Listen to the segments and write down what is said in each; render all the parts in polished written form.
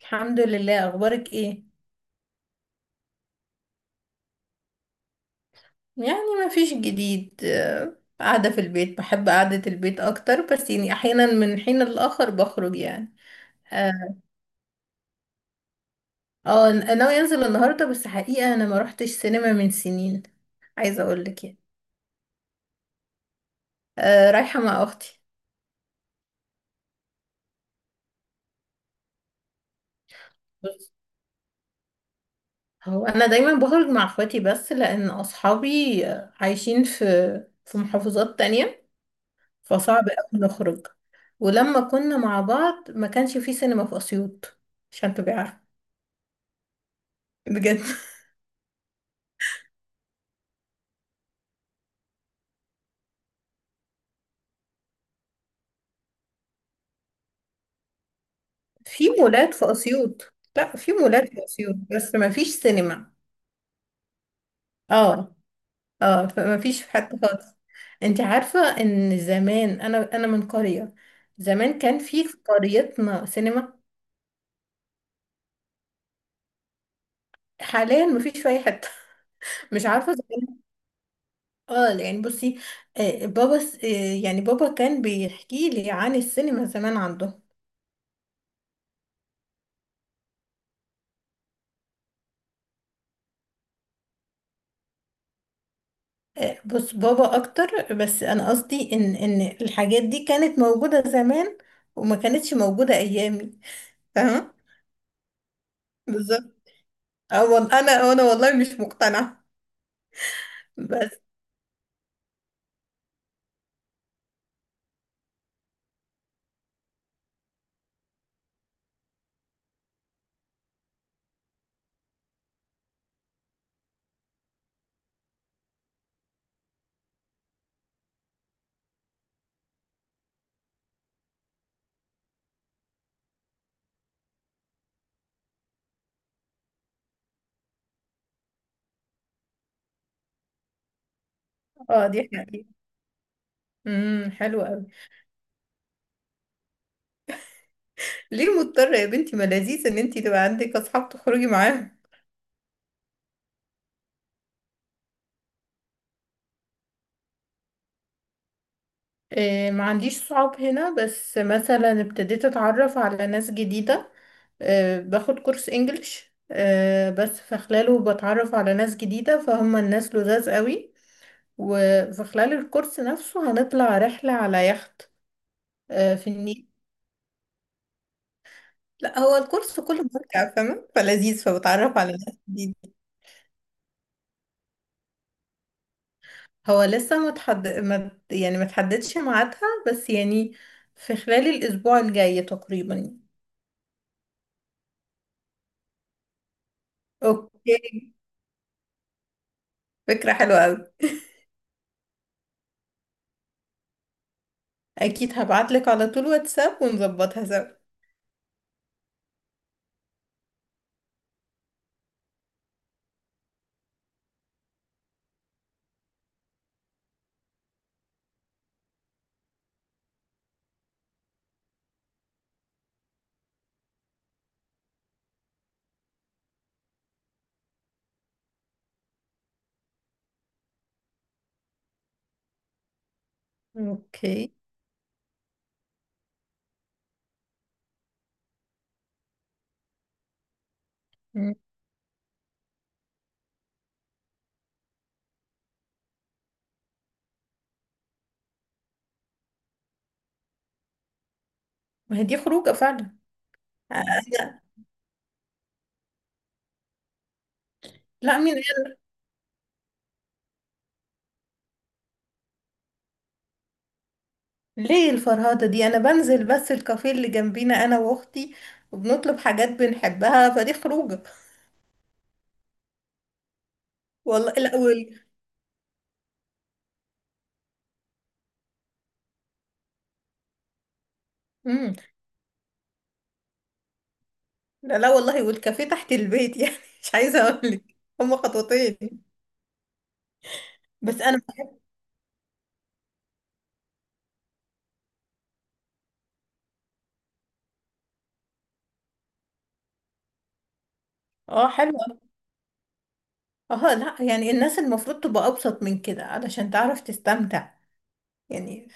الحمد لله. اخبارك ايه؟ يعني ما فيش جديد، قاعده في البيت، بحب قعده البيت اكتر، بس يعني احيانا من حين لآخر بخرج يعني. اه. ناوي انزل النهارده، بس حقيقه انا ما روحتش سينما من سنين. عايزه اقول لك يعني. رايحه مع اختي. بس هو انا دايما بخرج مع اخواتي، بس لان اصحابي عايشين في محافظات تانية. فصعب قوي نخرج. ولما كنا مع بعض ما كانش في سينما في اسيوط. عشان تبقى عارفه. بجد. في مولات في أسيوط. لا، في مولات في أسيوط بس ما فيش سينما. اه. اه، فما فيش حتى خالص. انت عارفة ان زمان انا من قرية. زمان كان في قريتنا سينما. حاليا ما فيش في اي حتة. مش عارفة زمان. اه، يعني بصي. آه، بابا س- آه، يعني بابا كان بيحكي لي عن السينما زمان عنده. بص، بابا اكتر، بس انا قصدي ان الحاجات دي كانت موجودة زمان. وما كانتش موجودة ايامي. فاهمة. بالظبط. اه، انا والله مش مقتنعه. بس. اه، دي حقيقة. حلو قوي. ليه مضطرة يا بنتي؟ ما لذيذ ان انتي تبقى عندك اصحاب تخرجي معاهم. إيه، ما عنديش صحاب هنا، بس مثلا ابتديت اتعرف على ناس جديدة. إيه، باخد كورس انجليش. إيه، بس في خلاله بتعرف على ناس جديدة، فهم الناس لذاذ قوي. وفي خلال الكورس نفسه هنطلع رحلة على يخت. إيه، في النيل. لا، هو الكورس كله مراجعة، فاهمة، فلذيذ، فبتعرف على ناس جديدة. هو لسه ما يعني ما تحددش ميعادها. بس يعني. في خلال الأسبوع الجاي تقريبا. اوكي. فكرة حلوة أوي. أكيد هبعتلك على طول واتساب ونظبطها سوا. اوكي. مم. ما هي دي خروجة فعلا. أنا... لا، مين؟ ليه الفرهدة دي؟ أنا بنزل بس الكافيه اللي جنبينا، أنا وأختي. وبنطلب حاجات بنحبها، فدي خروجة. والله الأول. لا لا والله، والكافيه تحت البيت يعني. مش عايزه اقول لك. هم خطوتين. بس انا. اه، حلو. اه لا، يعني الناس المفروض تبقى ابسط من كده علشان تعرف تستمتع. يعني.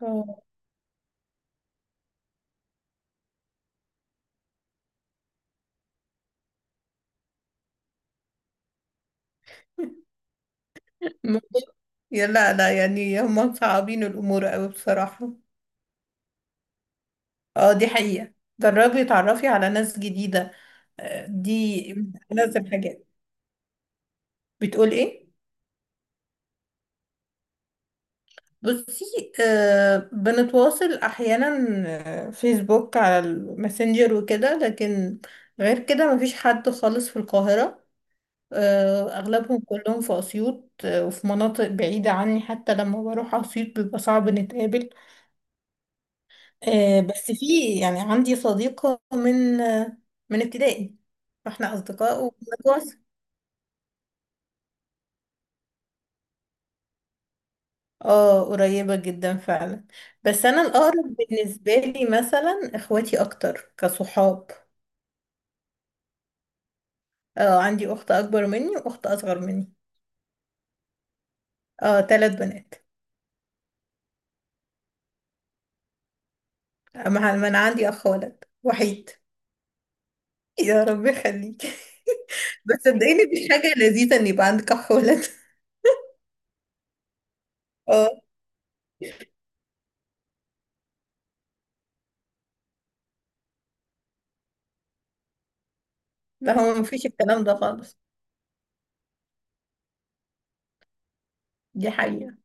اه. الموضوع- يا لا لا، يعني هم مصعبين الامور قوي بصراحه. اه، دي حقيقه. جربي تعرفي على ناس جديده. دي ناس الحاجات، بتقول ايه؟ بصي. آه، بنتواصل احيانا. فيسبوك على الماسنجر وكده، لكن غير كده مفيش حد خالص في القاهرة. آه، اغلبهم كلهم في اسيوط، وفي مناطق بعيدة عني. حتى لما بروح اسيوط بيبقى صعب نتقابل. آه، بس في، يعني عندي صديقة من من ابتدائي. فاحنا اصدقاء وبنتواصل. اه، قريبة جدا فعلا. بس انا الاقرب بالنسبة لي مثلا اخواتي اكتر كصحاب. اه، عندي اخت اكبر مني واخت اصغر مني. اه، ثلاث بنات. اما ما انا عندي اخ ولد وحيد. يا رب يخليك. بس صدقيني دي حاجة لذيذة ان يبقى عندك اخ ولد. اه لا، هو مفيش الكلام ده خالص. دي حقيقة.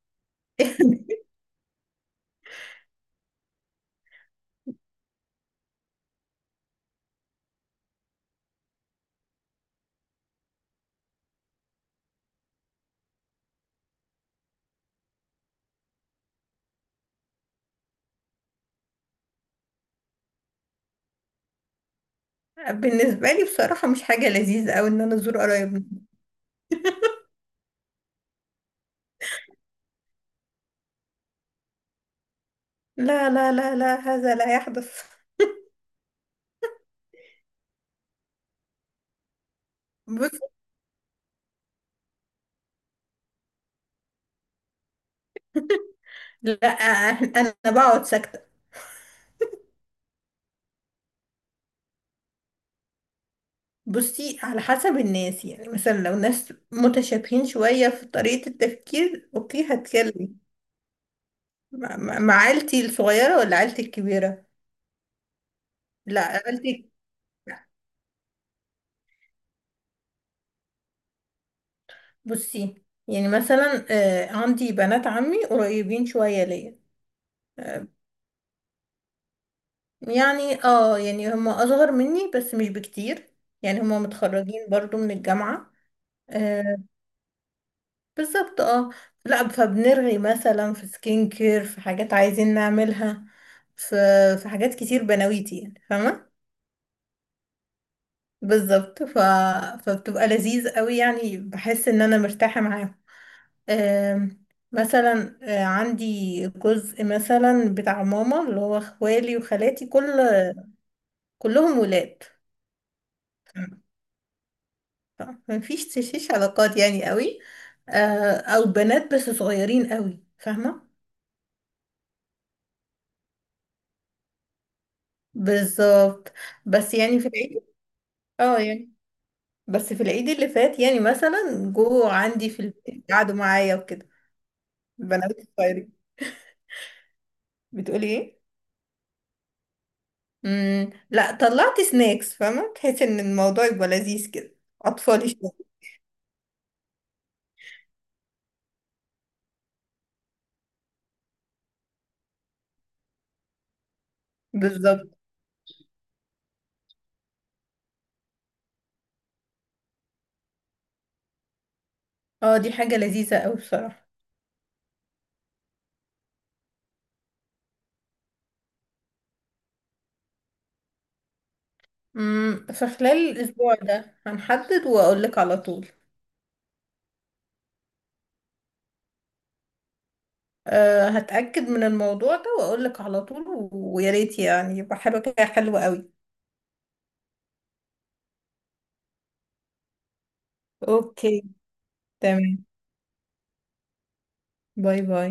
بالنسبة لي بصراحة مش حاجة لذيذة أوي إن أنا أزور قرايبنا. لا لا لا لا، هذا لا يحدث. بص. لا، أنا بقعد ساكتة. بصي، على حسب الناس، يعني مثلا لو ناس متشابهين شوية في طريقة التفكير اوكي هتكلم. مع عيلتي الصغيرة ولا عيلتي الكبيرة؟ لا، عيلتي. بصي، يعني مثلا عندي بنات عمي قريبين شوية ليا. آه. يعني، اه، يعني هم اصغر مني بس مش بكتير. يعني هم متخرجين برضو من الجامعة. آه. بالظبط، اه. لا، فبنرغي مثلا في سكين كير، في حاجات عايزين نعملها. في في حاجات كتير بنويتي، يعني فاهمة. بالظبط. فبتبقى لذيذ قوي، يعني بحس ان انا مرتاحة معاهم. آم، مثلا، عندي جزء مثلا بتاع ماما اللي هو اخوالي وخالاتي، كل كلهم ولاد. ف- مفيش تشيش علاقات يعني قوي. او بنات بس صغيرين قوي، فاهمة. بالظبط. بس يعني في العيد. اه، يعني بس في العيد اللي فات يعني، مثلا جو عندي في البيت قعدوا معايا وكده. البنات الصغيرين. بتقولي ايه؟ لا، طلعت سناكس، فاهمه، تحس ان الموضوع يبقى لذيذ كده. اطفالي شويه. بالظبط. اه، دي حاجه لذيذه قوي بصراحه. فخلال الاسبوع ده هنحدد واقول لك على طول. أه، هتأكد من الموضوع ده واقول لك على طول ويا ريت يعني يبقى حاجه كده حلوه قوي. اوكي، تمام، باي باي.